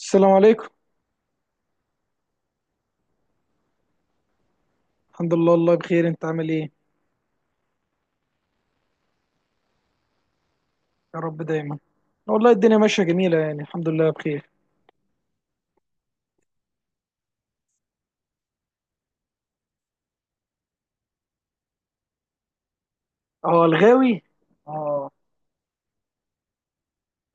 السلام عليكم. الحمد لله، والله بخير. انت عامل ايه؟ يا رب دايما. والله الدنيا ماشيه جميله، يعني الحمد لله بخير. اه، الغاوي. اه.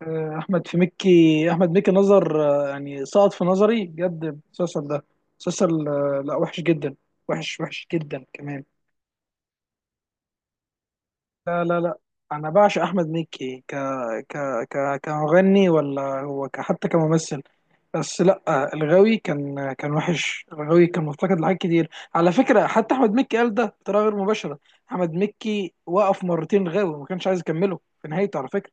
احمد مكي نظر آه، يعني سقط في نظري بجد المسلسل ده. مسلسل، لا، وحش جدا. وحش وحش جدا كمان. لا لا لا، انا بعشق احمد مكي ك ك ك كمغني، ولا هو حتى كممثل. بس لا، الغاوي كان وحش. الغاوي كان مفتقد لحاجات كتير. على فكره، حتى احمد مكي قال ده بطريقه غير مباشره. احمد مكي وقف مرتين غاوي وما كانش عايز يكمله في نهايته، على فكره.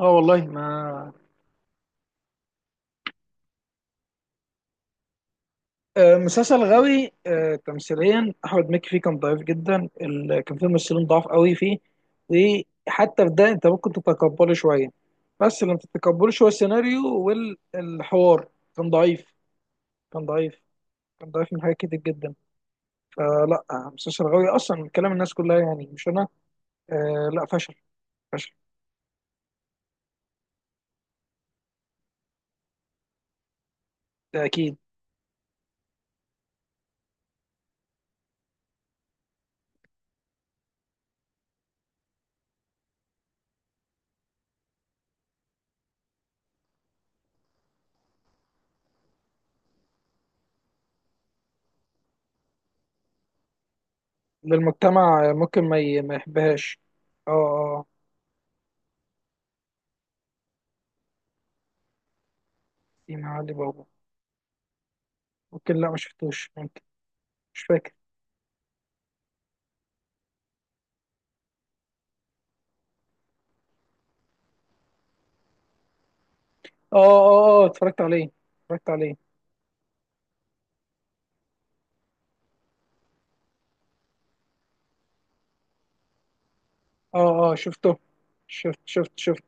اه، والله ما. مسلسل غاوي. تمثيليا احمد مكي فيه كان ضعيف جدا. كان فيه ممثلين ضعاف قوي فيه. وحتى في ده انت ممكن تتقبله شويه، بس اللي ما تتقبلوش هو السيناريو والحوار. كان ضعيف. كان ضعيف. كان ضعيف من حاجات كتير جدا. آه لا آه، مسلسل شرغاوي اصلا من كلام الناس كلها، يعني مش انا. آه لا فشل. فشل. ده اكيد. للمجتمع ممكن ما يحبهاش. اه، اه، في معالي بابا. ممكن لا، ما شفتوش، ممكن. مش فاكر. اه، اه، اه، اتفرجت عليه. اتفرجت عليه. اه، اه، شفته. شفت شفت شفت.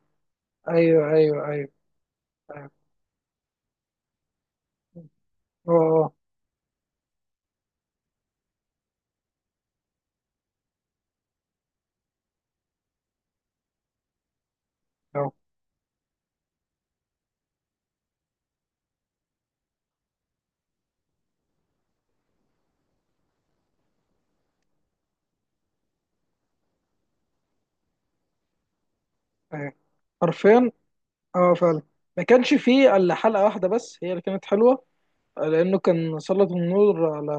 ايوه ايوه ايوه. ايوه. اه، اه، اه، أيوة. حرفيا. اه، فعلا. ما كانش فيه الا حلقة واحدة بس هي اللي كانت حلوة. لأنه كان سلط النور على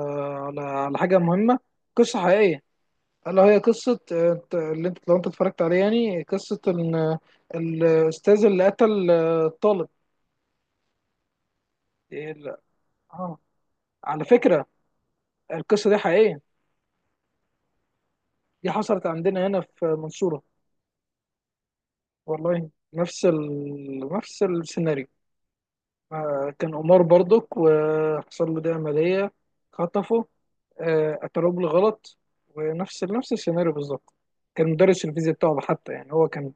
على حاجة مهمة. قصة حقيقية. ألا هي قصة، اللي أنت، لو أنت اتفرجت عليها، يعني قصة إن الأستاذ اللي قتل الطالب. إيه، لا. آه. على فكرة، القصة دي حقيقية. دي حصلت عندنا هنا في منصورة. والله، نفس السيناريو. كان قمار برضك، وحصل له ده عملية خطفه. اعترف بالغلط. ونفس نفس السيناريو بالظبط. كان مدرس الفيزياء بتاعه حتى، يعني هو كان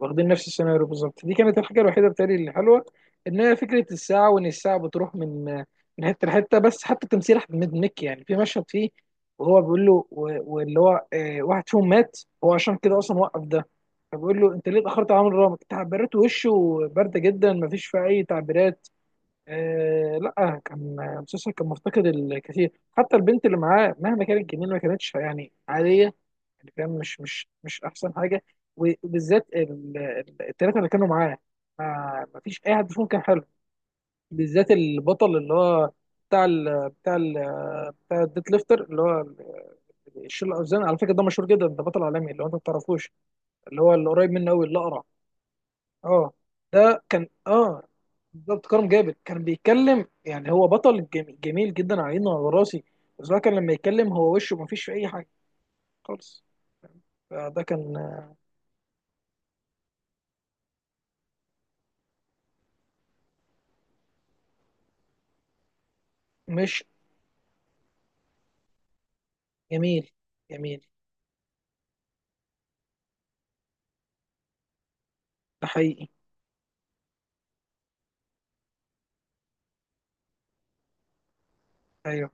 واخدين نفس السيناريو بالظبط. دي كانت الحاجة الوحيدة بتاعي اللي حلوة، ان هي فكرة الساعة، وان الساعة بتروح من حتة لحتة. بس حتى تمثيل احمد مكي، يعني في مشهد فيه وهو بيقول له، واللي هو، واحد فيهم مات، هو عشان كده اصلا وقف ده. فبيقول له انت ليه اتاخرت على عمرو، رامك تعبيرات وشه بارده جدا، مفيش فيها اي تعبيرات. آه لا كان مسلسل كان مفتقد الكثير. حتى البنت اللي معاه، مهما كانت جميلة، ما كانتش يعني عادية. يعني فاهم، مش أحسن حاجة. وبالذات التلاتة اللي كانوا معاه، ما فيش أي حد فيهم كان حلو. بالذات البطل، اللي هو بتاع ال بتاع ال بتاع الديت ليفتر، اللي هو الشيل الأوزان. على فكرة، ده مشهور جدا، ده بطل عالمي، اللي هو أنت ما تعرفوش. اللي هو اللي قريب منه أوي، الأقرع. أه. ده كان، اه، بالظبط كرم جابر كان بيتكلم. يعني هو بطل جميل، جميل جدا، على عيني وعلى راسي. بس هو كان لما يتكلم، هو وشه ما فيش فيه اي حاجه خالص. فده كان مش جميل. جميل. ده حقيقي. ايوه.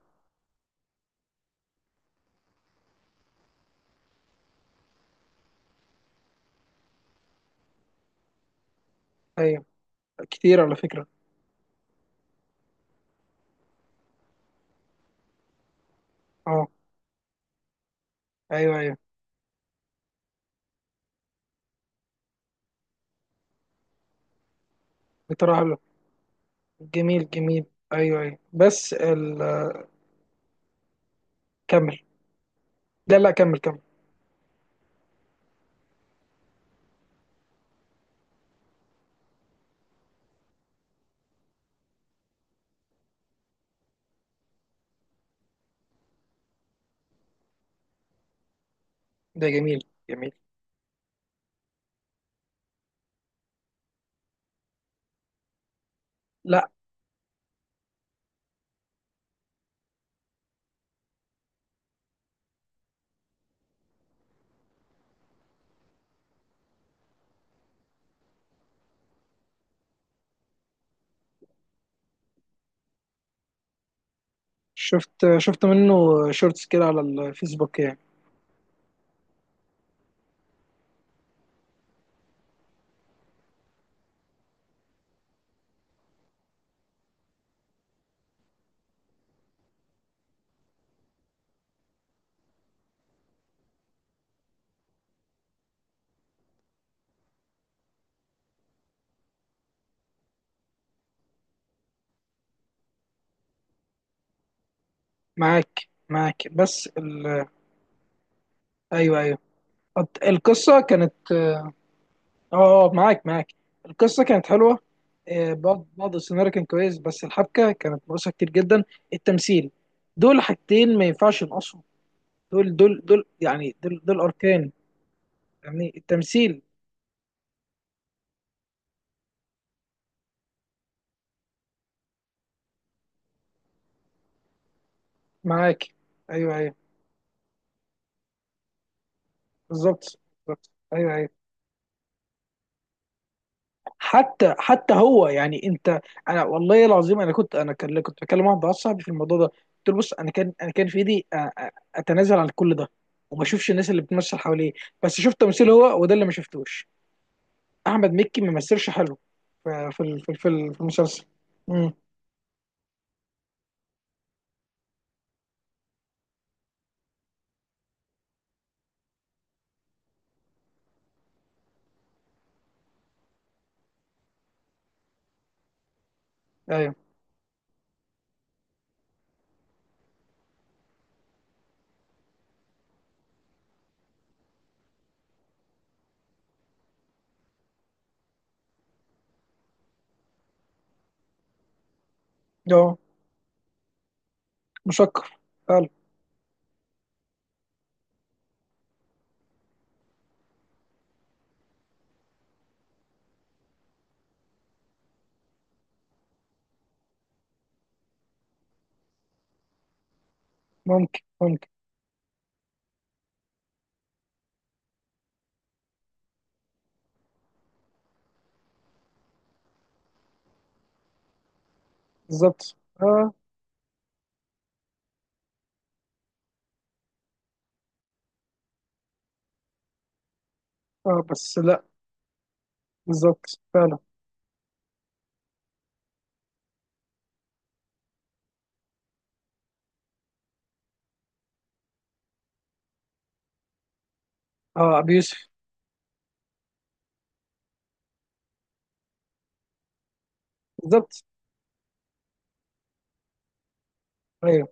ايوه، كتير على فكره. اه. ايوه، ايوه. بتراها له. جميل، جميل. ايوه، ايوه، بس كمل. لا لا، كمل، كمل. ده جميل. جميل. لا. شفت منه شورتس كده على الفيسبوك، يعني. معاك. معاك، بس ايوه، ايوه. القصه كانت، اه، معاك، معاك، القصه كانت حلوه. بعض بعض السيناريو كان كويس، بس الحبكه كانت ناقصه كتير جدا. التمثيل، دول حاجتين ما ينفعش ينقصوا. دول، يعني دول اركان، يعني التمثيل. معاك. ايوه، ايوه. بالظبط. بالظبط، ايوه، ايوه. حتى هو، يعني انت، انا والله العظيم انا كنت، انا كان كنت بكلم واحد صاحبي في الموضوع ده، قلت له بص، انا كان في ايدي أ- اتنازل عن كل ده، وما اشوفش الناس اللي بتمثل حواليه. بس شفت تمثيل هو، وده اللي ما شفتوش. احمد مكي ما مثلش حلو في المسلسل. امم. ايوه. اه، مشكر، فعلا. ممكن. بالظبط. اه، اه. بس لا. بالظبط، فعلا. اه، ابو يوسف. بالظبط، ايوه،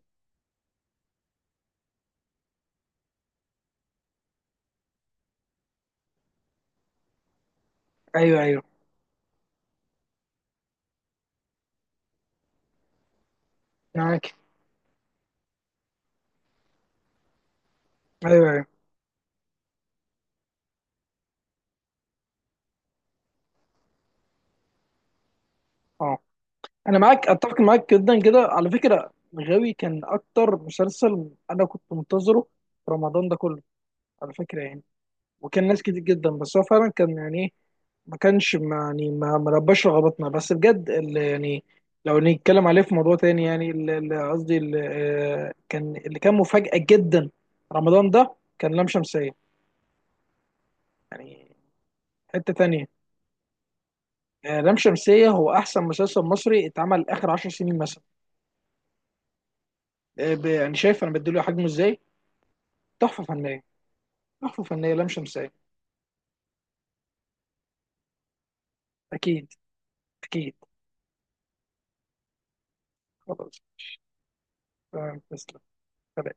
ايوه، ايوه. معاك. ايوه، ايوه. اه، انا معاك، اتفق معاك جدا كده على فكره. غاوي كان اكتر مسلسل انا كنت منتظره في رمضان ده كله، على فكره، يعني. وكان ناس كتير جدا، بس هو فعلا كان يعني ايه، ما كانش، يعني ما لباش رغبتنا. بس بجد، اللي يعني، لو نتكلم عليه في موضوع تاني، يعني قصدي كان اللي كان مفاجأة جدا رمضان ده، كان لام شمسية. يعني حتة تانية. لام شمسية هو أحسن مسلسل مصري اتعمل آخر 10 سنين مثلا. يعني شايف أنا بديله حجمه إزاي. تحفة فنية. تحفة فنية لام شمسية. أكيد. أكيد. خلاص. تمام، تسلم. سلام.